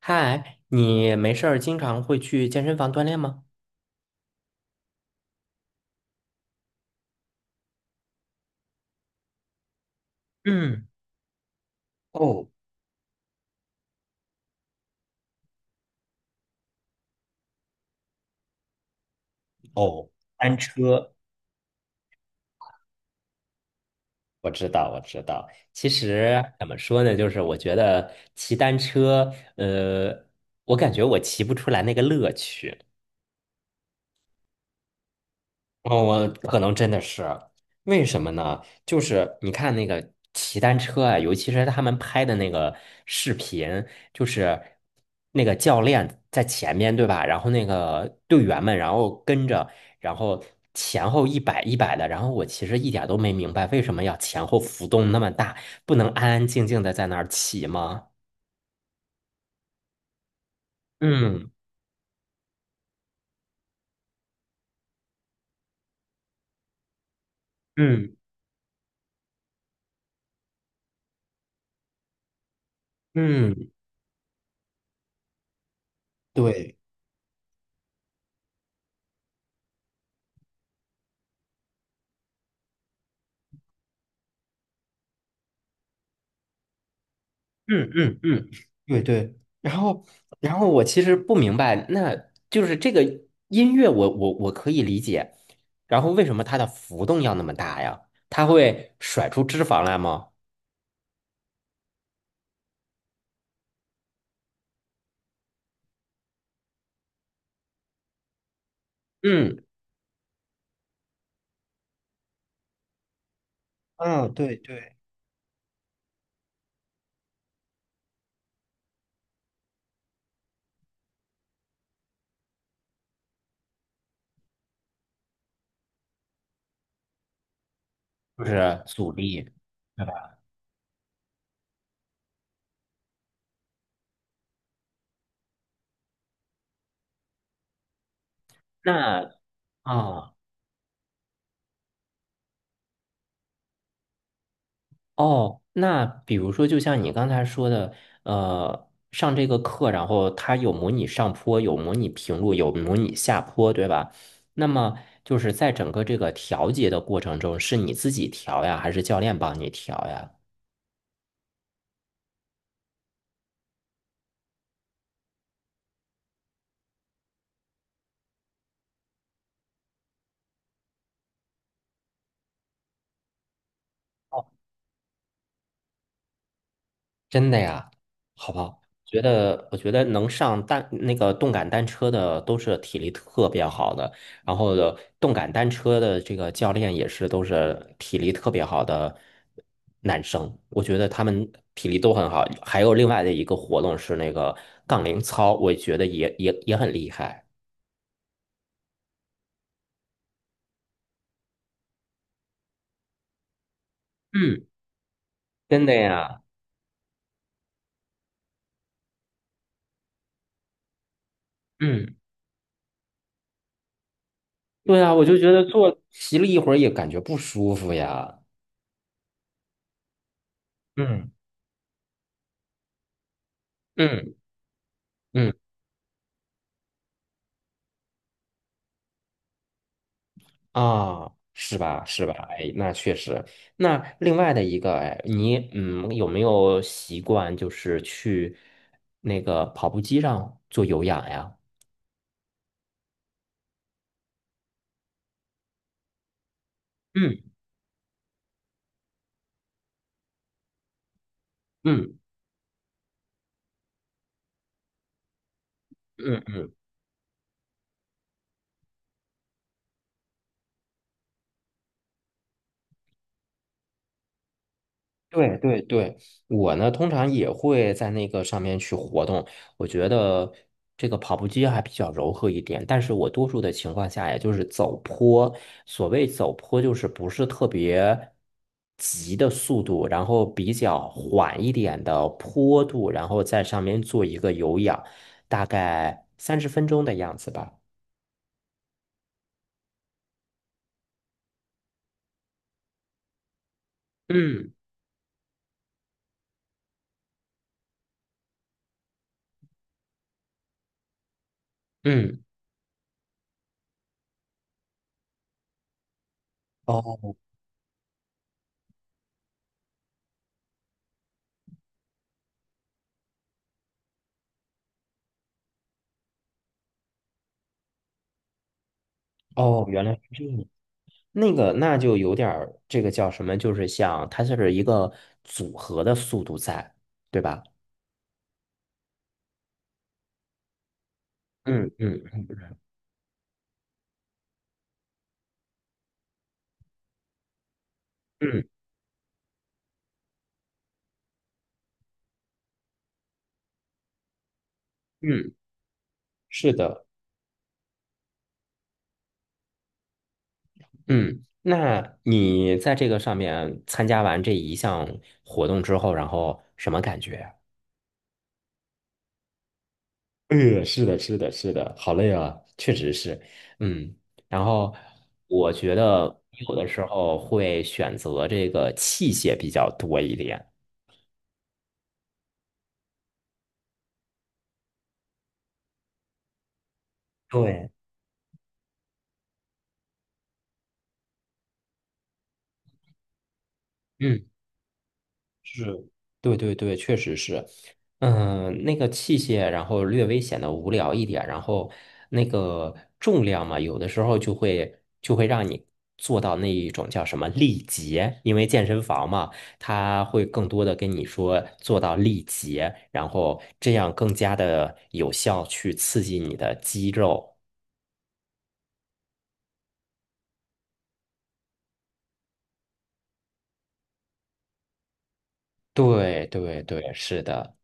嗨，你没事儿经常会去健身房锻炼吗？嗯，哦哦，单车，我知道，我知道。其实怎么说呢，就是我觉得骑单车，我感觉我骑不出来那个乐趣。哦，我可能真的是，为什么呢？就是你看那个骑单车啊，尤其是他们拍的那个视频，就是那个教练在前面，对吧？然后那个队员们，然后跟着，然后前后一摆一摆的。然后我其实一点都没明白，为什么要前后浮动那么大，不能安安静静的在那儿骑吗？嗯嗯嗯，对。嗯嗯嗯，对对。然后，然后我其实不明白，那就是这个音乐，我可以理解。然后为什么它的浮动要那么大呀？它会甩出脂肪来吗？嗯，嗯，对对。就是阻力。那啊。哦，那比如说，就像你刚才说的，上这个课，然后它有模拟上坡，有模拟平路，有模拟下坡，对吧？那么就是在整个这个调节的过程中，是你自己调呀，还是教练帮你调呀？真的呀，好不好？我觉得能上那个动感单车的都是体力特别好的，然后的动感单车的这个教练也是都是体力特别好的男生，我觉得他们体力都很好。还有另外的一个活动是那个杠铃操，我觉得也很厉害。嗯，真的呀，嗯，对啊，我就觉得坐骑了一会儿也感觉不舒服呀。嗯嗯嗯。啊，是吧？是吧？哎，那确实。那另外的一个，哎，你有没有习惯就是去那个跑步机上做有氧呀？嗯嗯嗯对对对，我呢通常也会在那个上面去活动。我觉得这个跑步机还比较柔和一点，但是我多数的情况下，也就是走坡。所谓走坡，就是不是特别急的速度，然后比较缓一点的坡度，然后在上面做一个有氧，大概30分钟的样子吧。嗯嗯，哦哦，原来是这样。那个那就有点儿这个叫什么，就是像它是一个组合的速度在，对吧？嗯嗯嗯嗯，是的，嗯。那你在这个上面参加完这一项活动之后，然后什么感觉？是的，是的，是的，好累啊，确实是，嗯。然后我觉得有的时候会选择这个器械比较多一点。对，嗯。是，对对对，确实是，嗯，那个器械，然后略微显得无聊一点，然后那个重量嘛，有的时候就会让你做到那一种叫什么力竭，因为健身房嘛，它会更多的跟你说做到力竭，然后这样更加的有效去刺激你的肌肉。对对对，是的。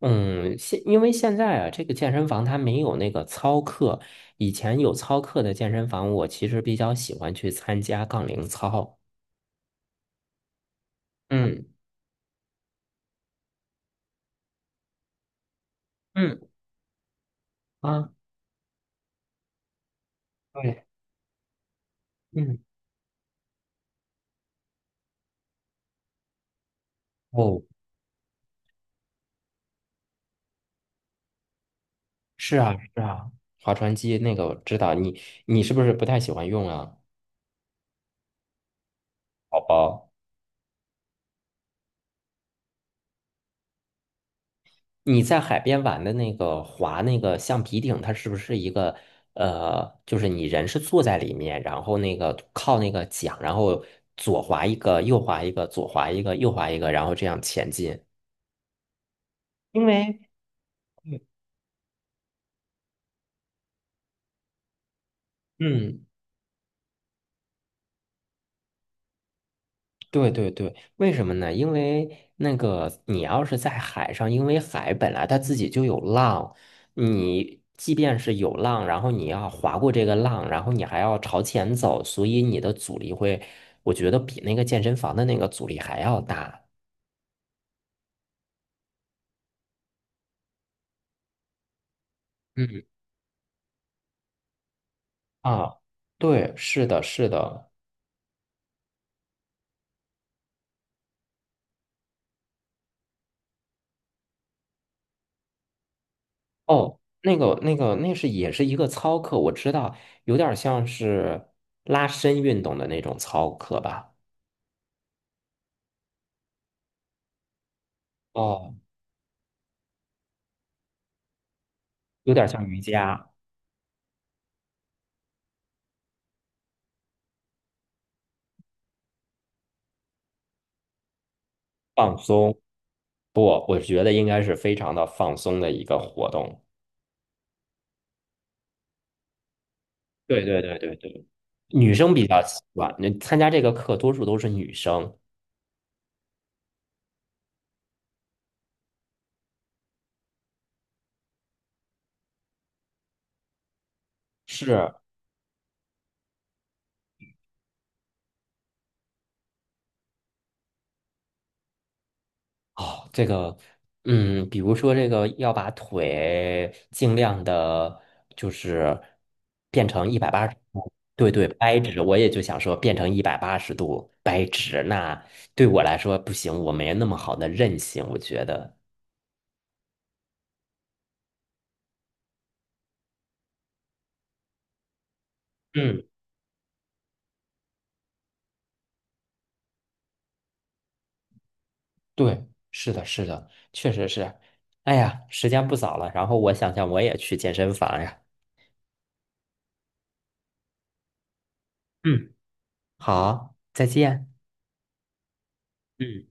嗯，因为现在啊，这个健身房它没有那个操课，以前有操课的健身房，我其实比较喜欢去参加杠铃操。嗯嗯啊，对，嗯哦，是啊是啊，划船机那个我知道，你是不是不太喜欢用啊，宝宝？你在海边玩的那个划那个橡皮艇，它是不是一个就是你人是坐在里面，然后那个靠那个桨，然后左划一个，右划一个，左划一个，右划一个，然后这样前进。因为嗯对对对，为什么呢？因为那个你要是在海上，因为海本来它自己就有浪，你即便是有浪，然后你要划过这个浪，然后你还要朝前走，所以你的阻力会，我觉得比那个健身房的那个阻力还要大。嗯啊，对，是的，是的。哦，那个那是也是一个操课，我知道，有点像是拉伸运动的那种操课吧。哦，有点像瑜伽。放松，不，我觉得应该是非常的放松的一个活动。对对对对对，女生比较习惯。那参加这个课多数都是女生。是哦，这个，比如说这个要把腿尽量的，就是变成一百八十，对对，掰直。我也就想说变成180度掰直，那对我来说不行，我没那么好的韧性，我觉得。嗯。对，是的，是的，确实是。哎呀，时间不早了，然后我想想我也去健身房呀。嗯，好，再见。嗯。